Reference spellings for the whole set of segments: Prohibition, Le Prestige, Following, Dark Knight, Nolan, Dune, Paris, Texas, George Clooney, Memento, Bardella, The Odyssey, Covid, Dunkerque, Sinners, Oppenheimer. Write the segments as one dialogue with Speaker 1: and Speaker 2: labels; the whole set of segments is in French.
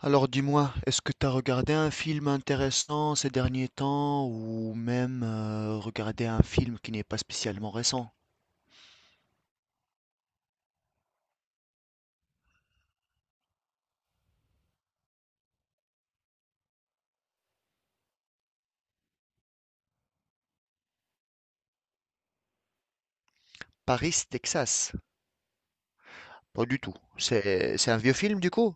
Speaker 1: Alors dis-moi, est-ce que tu as regardé un film intéressant ces derniers temps ou même regardé un film qui n'est pas spécialement récent? Paris, Texas? Pas du tout. C'est un vieux film du coup?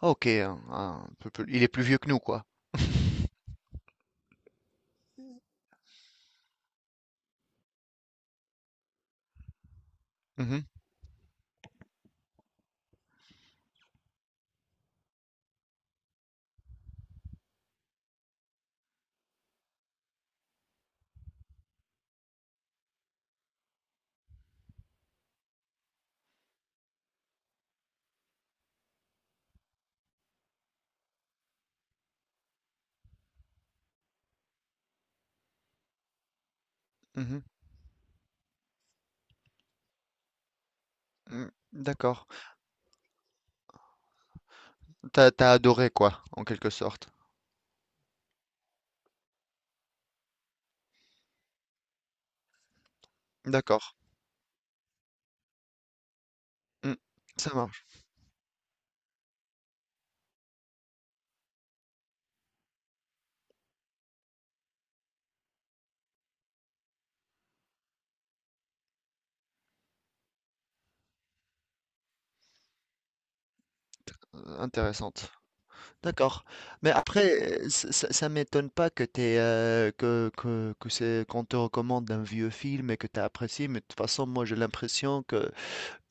Speaker 1: Ah, ok, un peu plus- il est plus vieux que nous quoi. Mhm, mhm, mm, d'accord. T'as adoré quoi, en quelque sorte. D'accord. Mm, ça marche. Intéressante. D'accord. Mais après, ça m'étonne pas que t'es, que c'est qu'on te recommande un vieux film et que tu as apprécié, mais de toute façon, moi j'ai l'impression que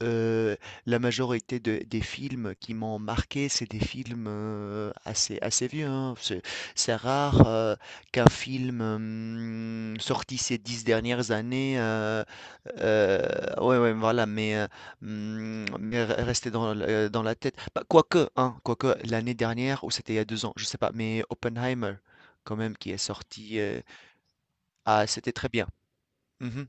Speaker 1: Heu, la majorité de des films qui m'ont marqué, c'est des films, assez vieux, hein. C'est rare, qu'un film, sorti ces 10 dernières années, heu, ouais, voilà, mais, mmh, mais re rester dans l dans la tête. Bah, quoique, hein, quoique l'année dernière ou c'était il y a 2 ans, je sais pas, mais Oppenheimer quand même qui est sorti, ah, c'était très bien. Mmh.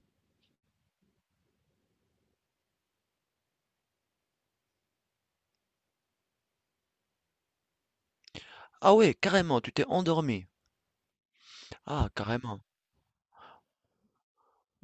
Speaker 1: Ah ouais, carrément, tu t'es endormi? Ah, carrément.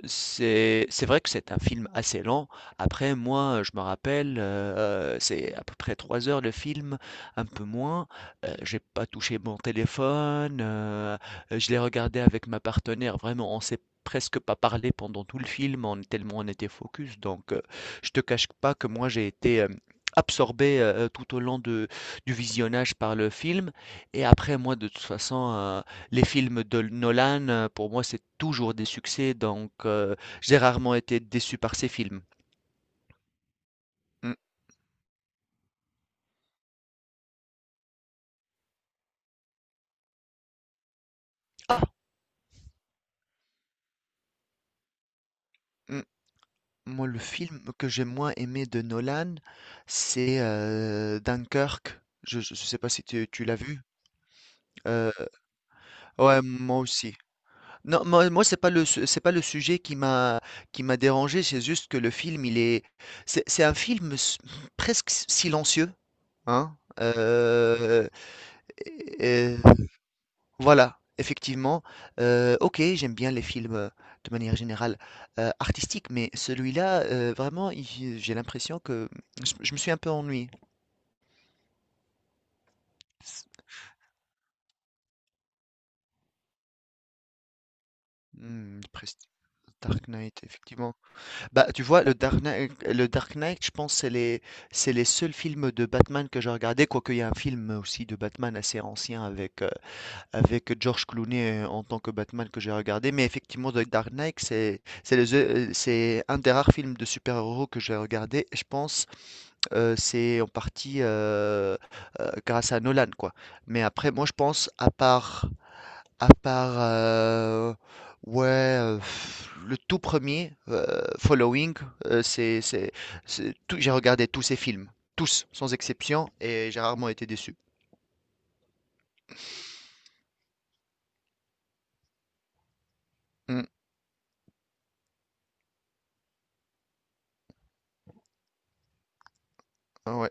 Speaker 1: C'est vrai que c'est un film assez lent. Après, moi, je me rappelle, c'est à peu près 3 heures le film, un peu moins. J'ai pas touché mon téléphone, je l'ai regardé avec ma partenaire. Vraiment, on s'est presque pas parlé pendant tout le film, on tellement on était focus. Donc, je te cache pas que moi, j'ai été, absorbé, tout au long de du visionnage par le film et après moi, de toute façon, les films de Nolan, pour moi, c'est toujours des succès, donc j'ai rarement été déçu par ces films. Mmh. Ah! Mmh, moi, le film que j'ai moins aimé de Nolan, c'est, Dunkerque. Je ne sais pas si tu l'as vu? Heu, ouais, moi aussi. Non, moi, c'est pas le su c'est pas le sujet qui m'a dérangé, c'est juste que le film, il est c'est un film s presque silencieux, hein? Voilà, effectivement. OK, j'aime bien les films, de manière générale, artistiques, mais celui-là, vraiment, il j'ai l'impression que je me suis un peu ennuyé. S mmh, Prest Dark Knight, effectivement. Bah, tu vois, le Dark Knight, je pense, c'est les seuls films de Batman que j'ai regardés, quoique il y a un film aussi de Batman assez ancien avec George Clooney en tant que Batman que j'ai regardé. Mais effectivement, The Dark Knight, c'est un des rares films de super-héros que j'ai regardé. Je pense c'est en partie grâce à Nolan, quoi. Mais après, moi, je pense à part le tout premier Following, euh, c'est tout. J'ai regardé tous ces films, tous sans exception, et j'ai rarement été déçu. Mm, ouais.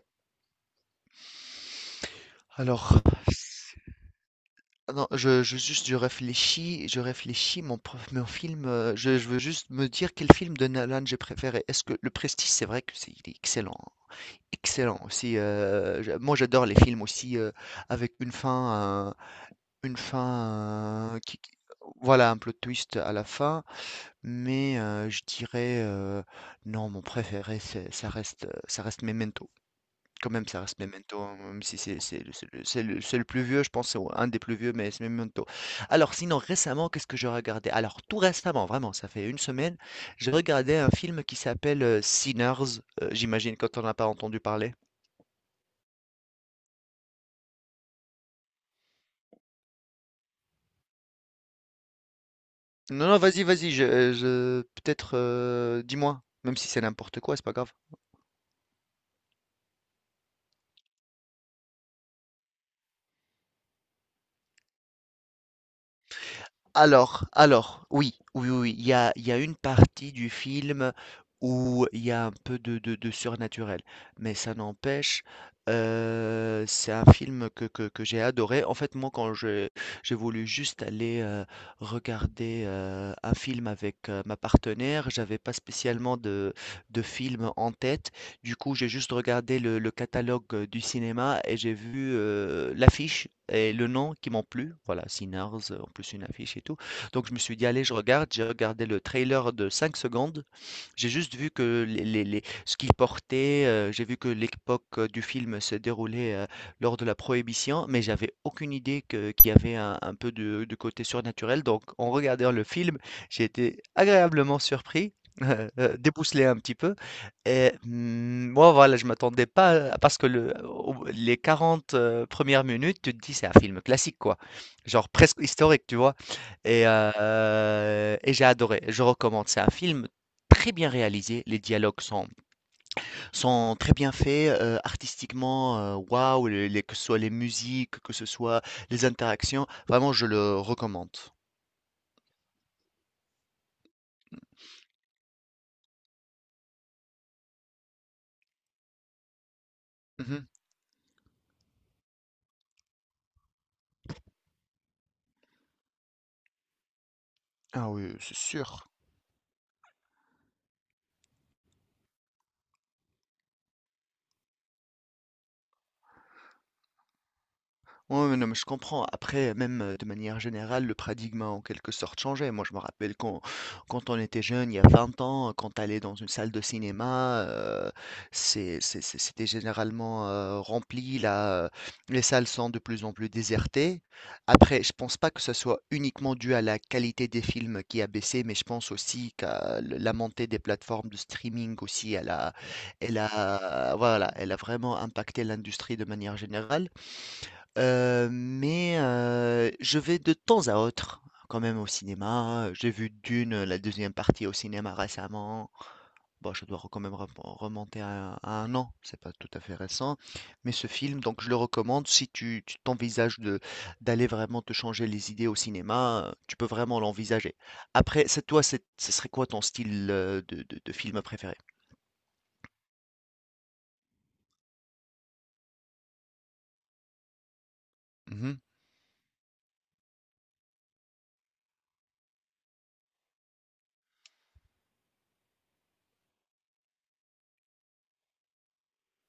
Speaker 1: Alors. Ah non, je réfléchis mon film. Je veux juste me dire quel film de Nolan j'ai préféré. Est-ce que Le Prestige, c'est vrai que c'est il est excellent, hein. Excellent aussi. Moi, j'adore les films aussi avec une fin, une fin euh, qui, qui- voilà un plot twist à la fin. Mais je dirais non, mon préféré, ça reste Memento. Quand même, ça reste Memento, hein, même si c'est le plus vieux, je pense, c'est un des plus vieux, mais c'est Memento. Alors sinon, récemment, qu'est-ce que j'ai regardé? Alors tout récemment, vraiment, ça fait une semaine, j'ai regardé un film qui s'appelle, Sinners, j'imagine que tu en as pas entendu parler? Non, non, vas-y, vas-y, je peut-être, dis-moi, même si c'est n'importe quoi, c'est pas grave. Alors, oui, il y a une partie du film où il y a un peu de surnaturel, mais ça n'empêche, c'est un film que j'ai adoré. En fait, moi, quand j'ai voulu juste aller regarder un film avec ma partenaire, j'avais pas spécialement de film en tête, du coup, j'ai juste regardé le catalogue du cinéma et j'ai vu l'affiche et le nom qui m'ont plu. Voilà, Sinners, en plus une affiche et tout. Donc je me suis dit, allez, je regarde. J'ai regardé le trailer de 5 secondes. J'ai juste vu que ce qu'il portait, j'ai vu que l'époque du film se déroulait lors de la Prohibition, mais j'avais aucune idée qu'il y avait un peu de côté surnaturel. Donc en regardant le film, j'ai été agréablement surpris, euh, débousselé un petit peu. Et moi, voilà, je m'attendais pas parce que le au les 40 1 minutes, tu te dis: «C'est un film classique, quoi». Genre presque historique, tu vois? Et j'ai adoré, je recommande. C'est un film très bien réalisé, les dialogues sont très bien faits, artistiquement, waouh, les que ce soit les musiques, que ce soit les interactions, vraiment je le recommande. Mmh. Ah oui, c'est sûr. Ouais, ouais, non, mais je comprends. Après, même de manière générale, le paradigme a en quelque sorte changé. Moi, je me rappelle quand on était jeune, il y a 20 ans, quand allait dans une salle de cinéma, c'était généralement rempli. Là, les salles sont de plus en plus désertées. Après, je pense pas que ce soit uniquement dû à la qualité des films qui a baissé, mais je pense aussi qu'à le- la montée des plateformes de streaming aussi, voilà, elle a vraiment impacté l'industrie de manière générale. Mais je vais de temps à autre quand même au cinéma. J'ai vu Dune, la deuxième partie au cinéma récemment. Bon, je dois quand même remonter à 1 an, c'est pas tout à fait récent, mais ce film, donc je le recommande si tu t'envisages de d'aller vraiment te changer les idées au cinéma, tu peux vraiment l'envisager. Après, c'est ce serait quoi ton style, de film préféré? Mmh mh.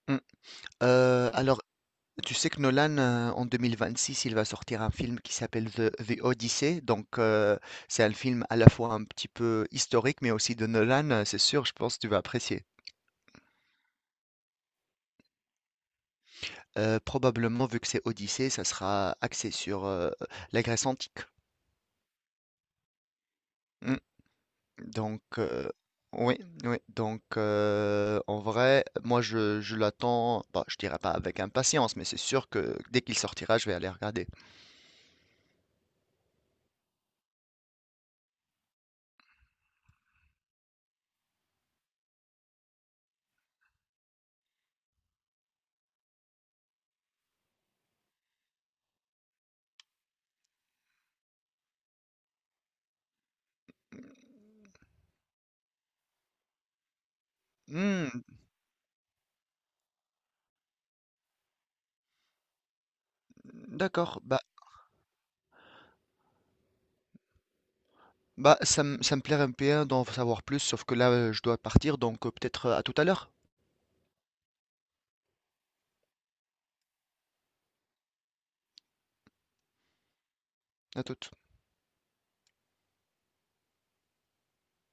Speaker 1: Mmh, alors tu sais que Nolan, en 2026, il va sortir un film qui s'appelle The Odyssey. Donc, c'est un film à la fois un petit peu historique, mais aussi de Nolan. C'est sûr, je pense que tu vas apprécier. Probablement, vu que c'est Odyssée, ça sera axé sur la Grèce antique. Mm. Donc, oui, oui. Donc, en vrai, moi, je l'attends. Bah, je dirais pas avec impatience, mais c'est sûr que dès qu'il sortira, je vais aller regarder. Hmm, d'accord. Bah, Bah, ça me plairait un peu d'en savoir plus, sauf que là, je dois partir, donc, peut-être, à tout à l'heure. À toute.